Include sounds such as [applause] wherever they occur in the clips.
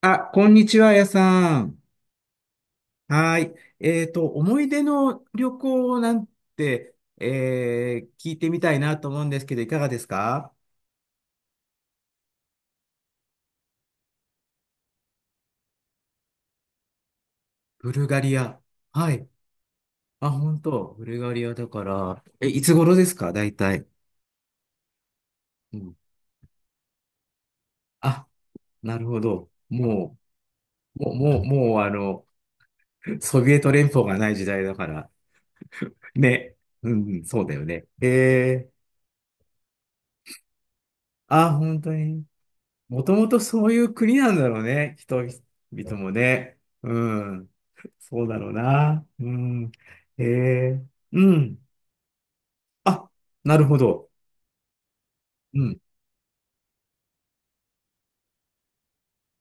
あ、こんにちは、やさん。はい。思い出の旅行なんて、聞いてみたいなと思うんですけど、いかがですか？ブルガリア。はい。あ、本当。ブルガリアだから、いつ頃ですか、大体？うん。あ、なるほど。もう、もう、もう、もう、ソビエト連邦がない時代だから。ね。うん、そうだよね。あ、本当に。もともとそういう国なんだろうね。人々もね。うん。そうだろうな。うん。へえ。うん。あ、なるほど。うん。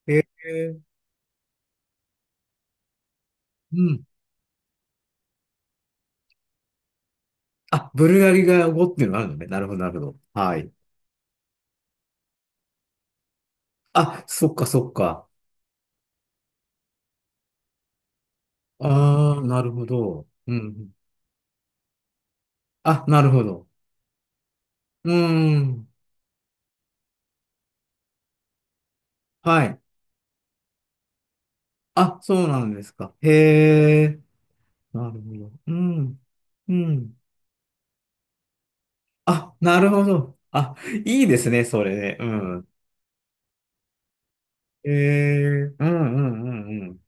へえ。うん。あ、ブルガリが語っていうのがあるのね。なるほど、なるほど。はい。あ、そっか、そっか。ああ、なるほど。うん。あ、なるほど。うん。はい。あ、そうなんですか。へえ。なるほど。うん。うん。あ、なるほど。あ、いいですね、それね。うん。うんうんうんうん。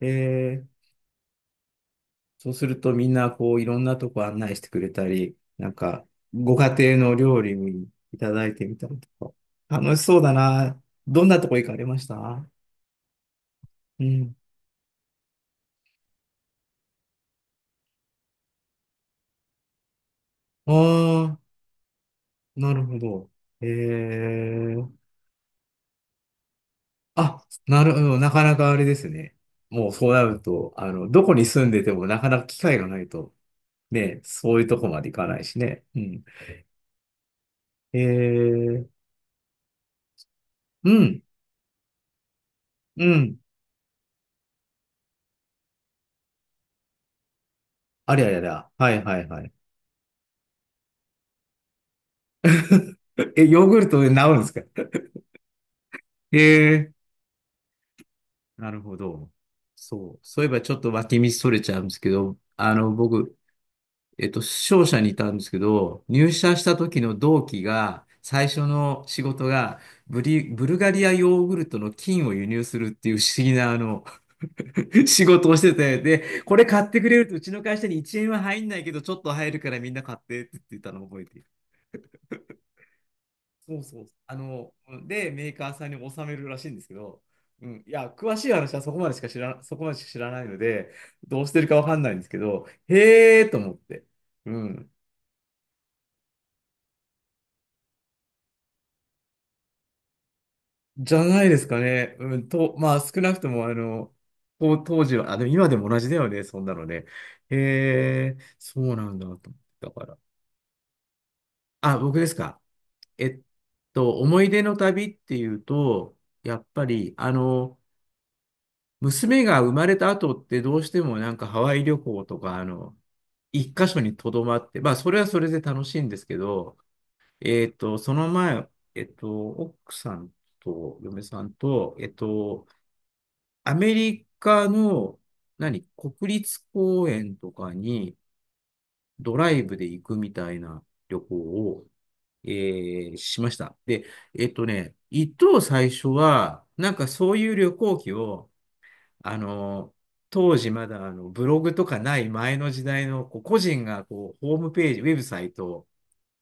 えー、そうするとみんなこういろんなとこ案内してくれたり、なんかご家庭の料理にいただいてみたりとか。楽しそうだな。どんなとこ行かれました？うん。ああ、なるほど。えー、あ、なるほど。なかなかあれですね。もうそうなると、どこに住んでてもなかなか機会がないと。ね、そういうとこまでいかないしね。うん。えー、うん、うん。ありゃりゃりゃ。はいはいはい。え、ヨーグルトで治るんですか？えなるほど。そう。そういえばちょっと脇道それちゃうんですけど、僕、商社にいたんですけど、入社した時の同期が、最初の仕事がブルガリアヨーグルトの菌を輸入するっていう不思議な、[laughs] 仕事をしてて、で、これ買ってくれるとうちの会社に1円は入んないけど、ちょっと入るからみんな買ってって言ってたのを覚えている。そうそう。で、メーカーさんに納めるらしいんですけど、うん、いや、詳しい話はそこまでしか知らないので、どうしてるかわかんないんですけど、へーと思って。うん。じゃないですかね。うん、と、まあ、少なくとも、当時は、あ、でも今でも同じだよね、そんなのね。へーそうなんだと思って。だから。あ、僕ですか。えっ思い出の旅っていうと、やっぱり、娘が生まれた後ってどうしてもなんかハワイ旅行とか、一箇所にとどまって、まあ、それはそれで楽しいんですけど、その前、奥さんと嫁さんと、アメリカの、何、国立公園とかにドライブで行くみたいな旅行を、しました。で、一等最初は、なんかそういう旅行記を、あの、当時まだブログとかない前の時代のこう個人がこうホームページ、ウェブサイトを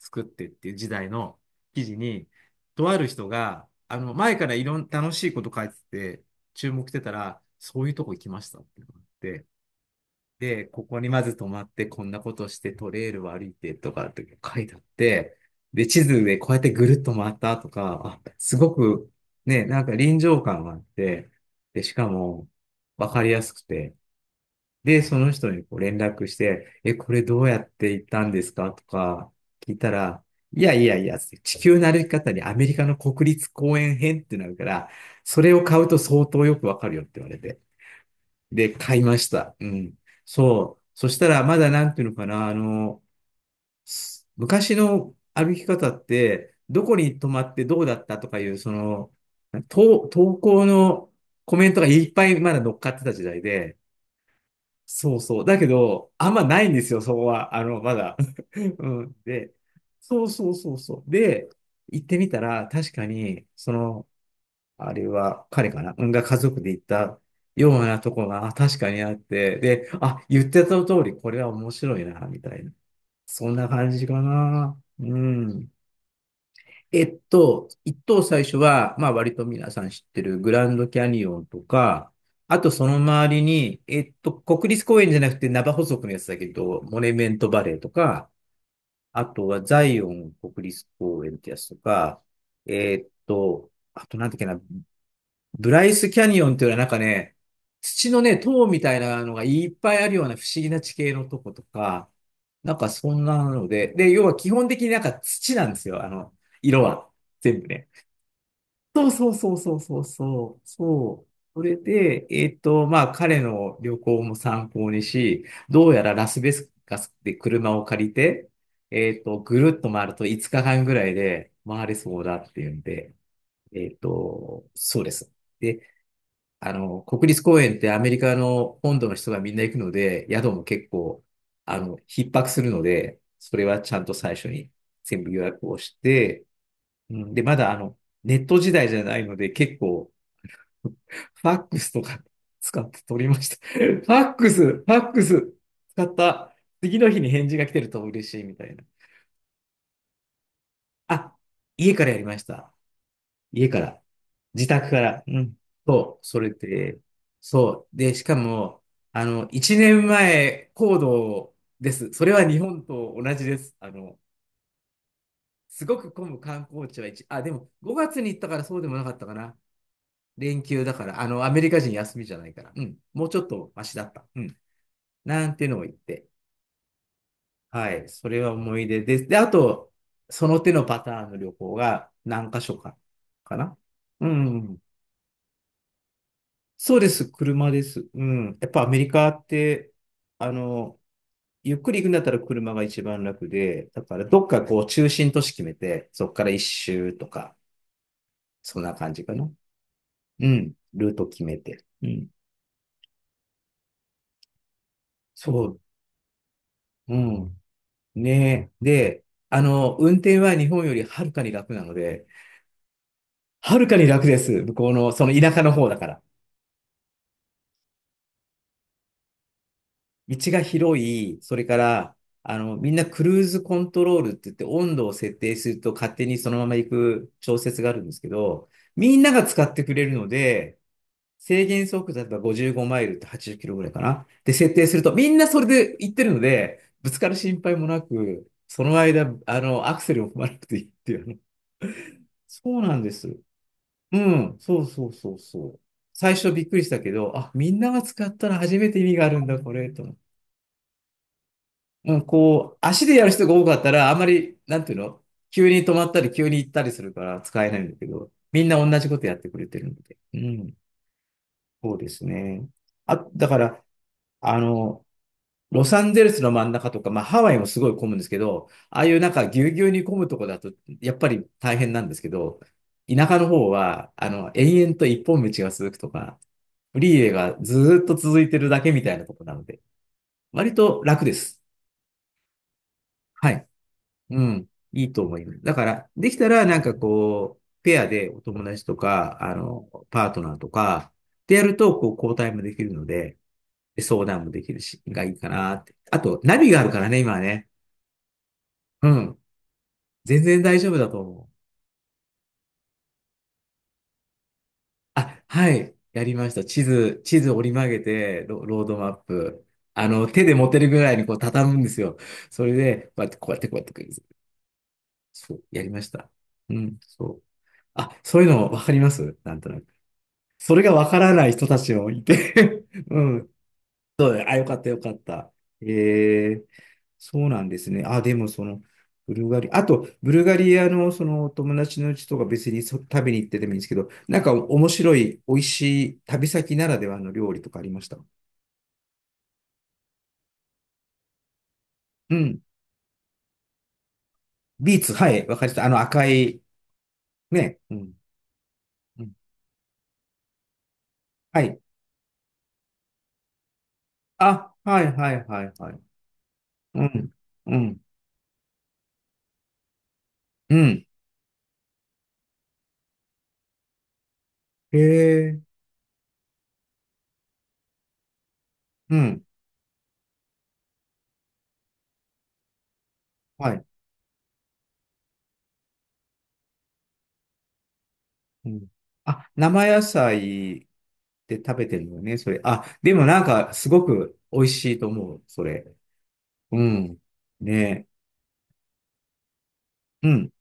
作ってっていう時代の記事に、とある人が、前からいろんな楽しいこと書いてて、注目してたら、そういうとこ行きましたっていうのがあって、で、ここにまず泊まって、こんなことして、トレイルを歩いてとかって書いてあって、で、地図でこうやってぐるっと回ったとか、あ、すごく、ね、なんか臨場感があって、で、しかも、わかりやすくて、で、その人にこう連絡して、え、これどうやって行ったんですかとか聞いたら、いやいやいや、地球の歩き方にアメリカの国立公園編ってなるから、それを買うと相当よくわかるよって言われて。で、買いました。うん。そう。そしたら、まだなんていうのかな、昔の歩き方って、どこに泊まってどうだったとかいう、投稿のコメントがいっぱいまだ乗っかってた時代で、そうそう。だけど、あんまないんですよ、そこは。まだ。[laughs] うん。で、そうそうそうそう。で、行ってみたら、確かに、あれは彼かなが家族で行ったようなとこが確かにあって、で、あ、言ってた通り、これは面白いな、みたいな。そんな感じかな。うん。一等最初は、まあ割と皆さん知ってるグランドキャニオンとか、あとその周りに、国立公園じゃなくてナバホ族のやつだけど、モネメントバレーとか、あとはザイオン国立公園ってやつとか、あとなんだっけな、ブライスキャニオンっていうのはなんかね、土のね、塔みたいなのがいっぱいあるような不思議な地形のとことか、なんかそんなので、で、要は基本的になんか土なんですよ、色は。全部ね。そうそうそうそうそうそう。そう、それで、まあ彼の旅行も参考にし、どうやらラスベガスで車を借りて、ぐるっと回ると5日間ぐらいで回れそうだっていうんで、そうです。で、国立公園ってアメリカの本土の人がみんな行くので、宿も結構、逼迫するので、それはちゃんと最初に全部予約をして、うんで、まだネット時代じゃないので、結構、ファックスとか [laughs] 使って取りました。[laughs] ファックス、ファックス使った。次の日に返事が来てると嬉しいみたいな。あ、家からやりました。家から、自宅から、うん、そう、それで、そう。で、しかも、1年前行動です。それは日本と同じです。すごく混む観光地はあ、でも5月に行ったからそうでもなかったかな。連休だから、アメリカ人休みじゃないから、うん、もうちょっとマシだった。うん、なんていうのを言って、はい、それは思い出です。で、あと、その手のパターンの旅行が何箇所か、かな。うん。そうです、車です。うん。やっぱアメリカって、あの、ゆっくり行くんだったら車が一番楽で、だからどっかこう中心都市決めて、そっから一周とか、そんな感じかな。うん。ルート決めて。うん。そう。うん。ねえ。で、運転は日本よりはるかに楽なので、はるかに楽です。向こうの、その田舎の方だから。道が広い、それから、みんなクルーズコントロールって言って温度を設定すると勝手にそのまま行く調節があるんですけど、みんなが使ってくれるので、制限速度例えば55マイルって80キロぐらいかな。で、設定するとみんなそれで行ってるので、ぶつかる心配もなく、その間、アクセルを踏まなくていいっていうね。そうなんです。うん、そうそうそうそう。最初びっくりしたけど、あ、みんなが使ったら初めて意味があるんだ、これ、と思って。うん、こう、足でやる人が多かったら、あまり、なんていうの、急に止まったり、急に行ったりするから使えないんだけど、みんな同じことやってくれてるので。うん、そうですね。あ、だから、あの、ロサンゼルスの真ん中とか、まあ、ハワイもすごい混むんですけど、ああいうなんかぎゅうぎゅうに混むとこだと、やっぱり大変なんですけど、田舎の方は、延々と一本道が続くとか、フリーウェイがずーっと続いてるだけみたいなとこなので、割と楽です。はい。うん。いいと思います。だから、できたら、なんかこう、ペアでお友達とか、パートナーとか、でやると、こう、交代もできるので、相談もできるし、がいいかなって。あと、ナビがあるからね、今はね。うん。全然大丈夫だと思う。あ、はい。やりました。地図折り曲げて、ロードマップ。手で持てるぐらいにこう、畳むんですよ。それで、こうやって、こうやって、こうやって、そう、やりました。うん、そう。あ、そういうの分かりますなんとなく。それがわからない人たちもいて [laughs] うん。そうだよ。あ、よかった、よかった。ええ、そうなんですね。あ、でもブルガリ、あと、ブルガリアのそのお友達のうちとか別に食べに行ってでもいいんですけど、なんか面白い、美味しい旅先ならではの料理とかありました？うん。ビーツ、はい、わかりました。あの赤い、ね。うん。うん、はい。あ、はい、はい、はい、はい。うん。うん。うん。へえ。うん。はい。うん。あ、生野菜で食べてるのね、それ。あ、でもなんか、すごく美味しいと思う、それ。うん。ねえ、うん。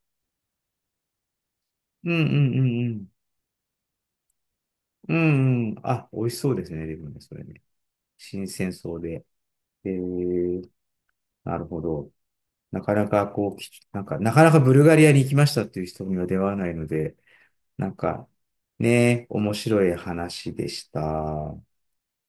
うんうんうんうん。うんうん。あ、美味しそうですね、でもね、それね。新鮮そうで。えー、なるほど。なかなかこう、なんか、なかなかブルガリアに行きましたっていう人には出会わないので、なんか、ねえ、面白い話でした。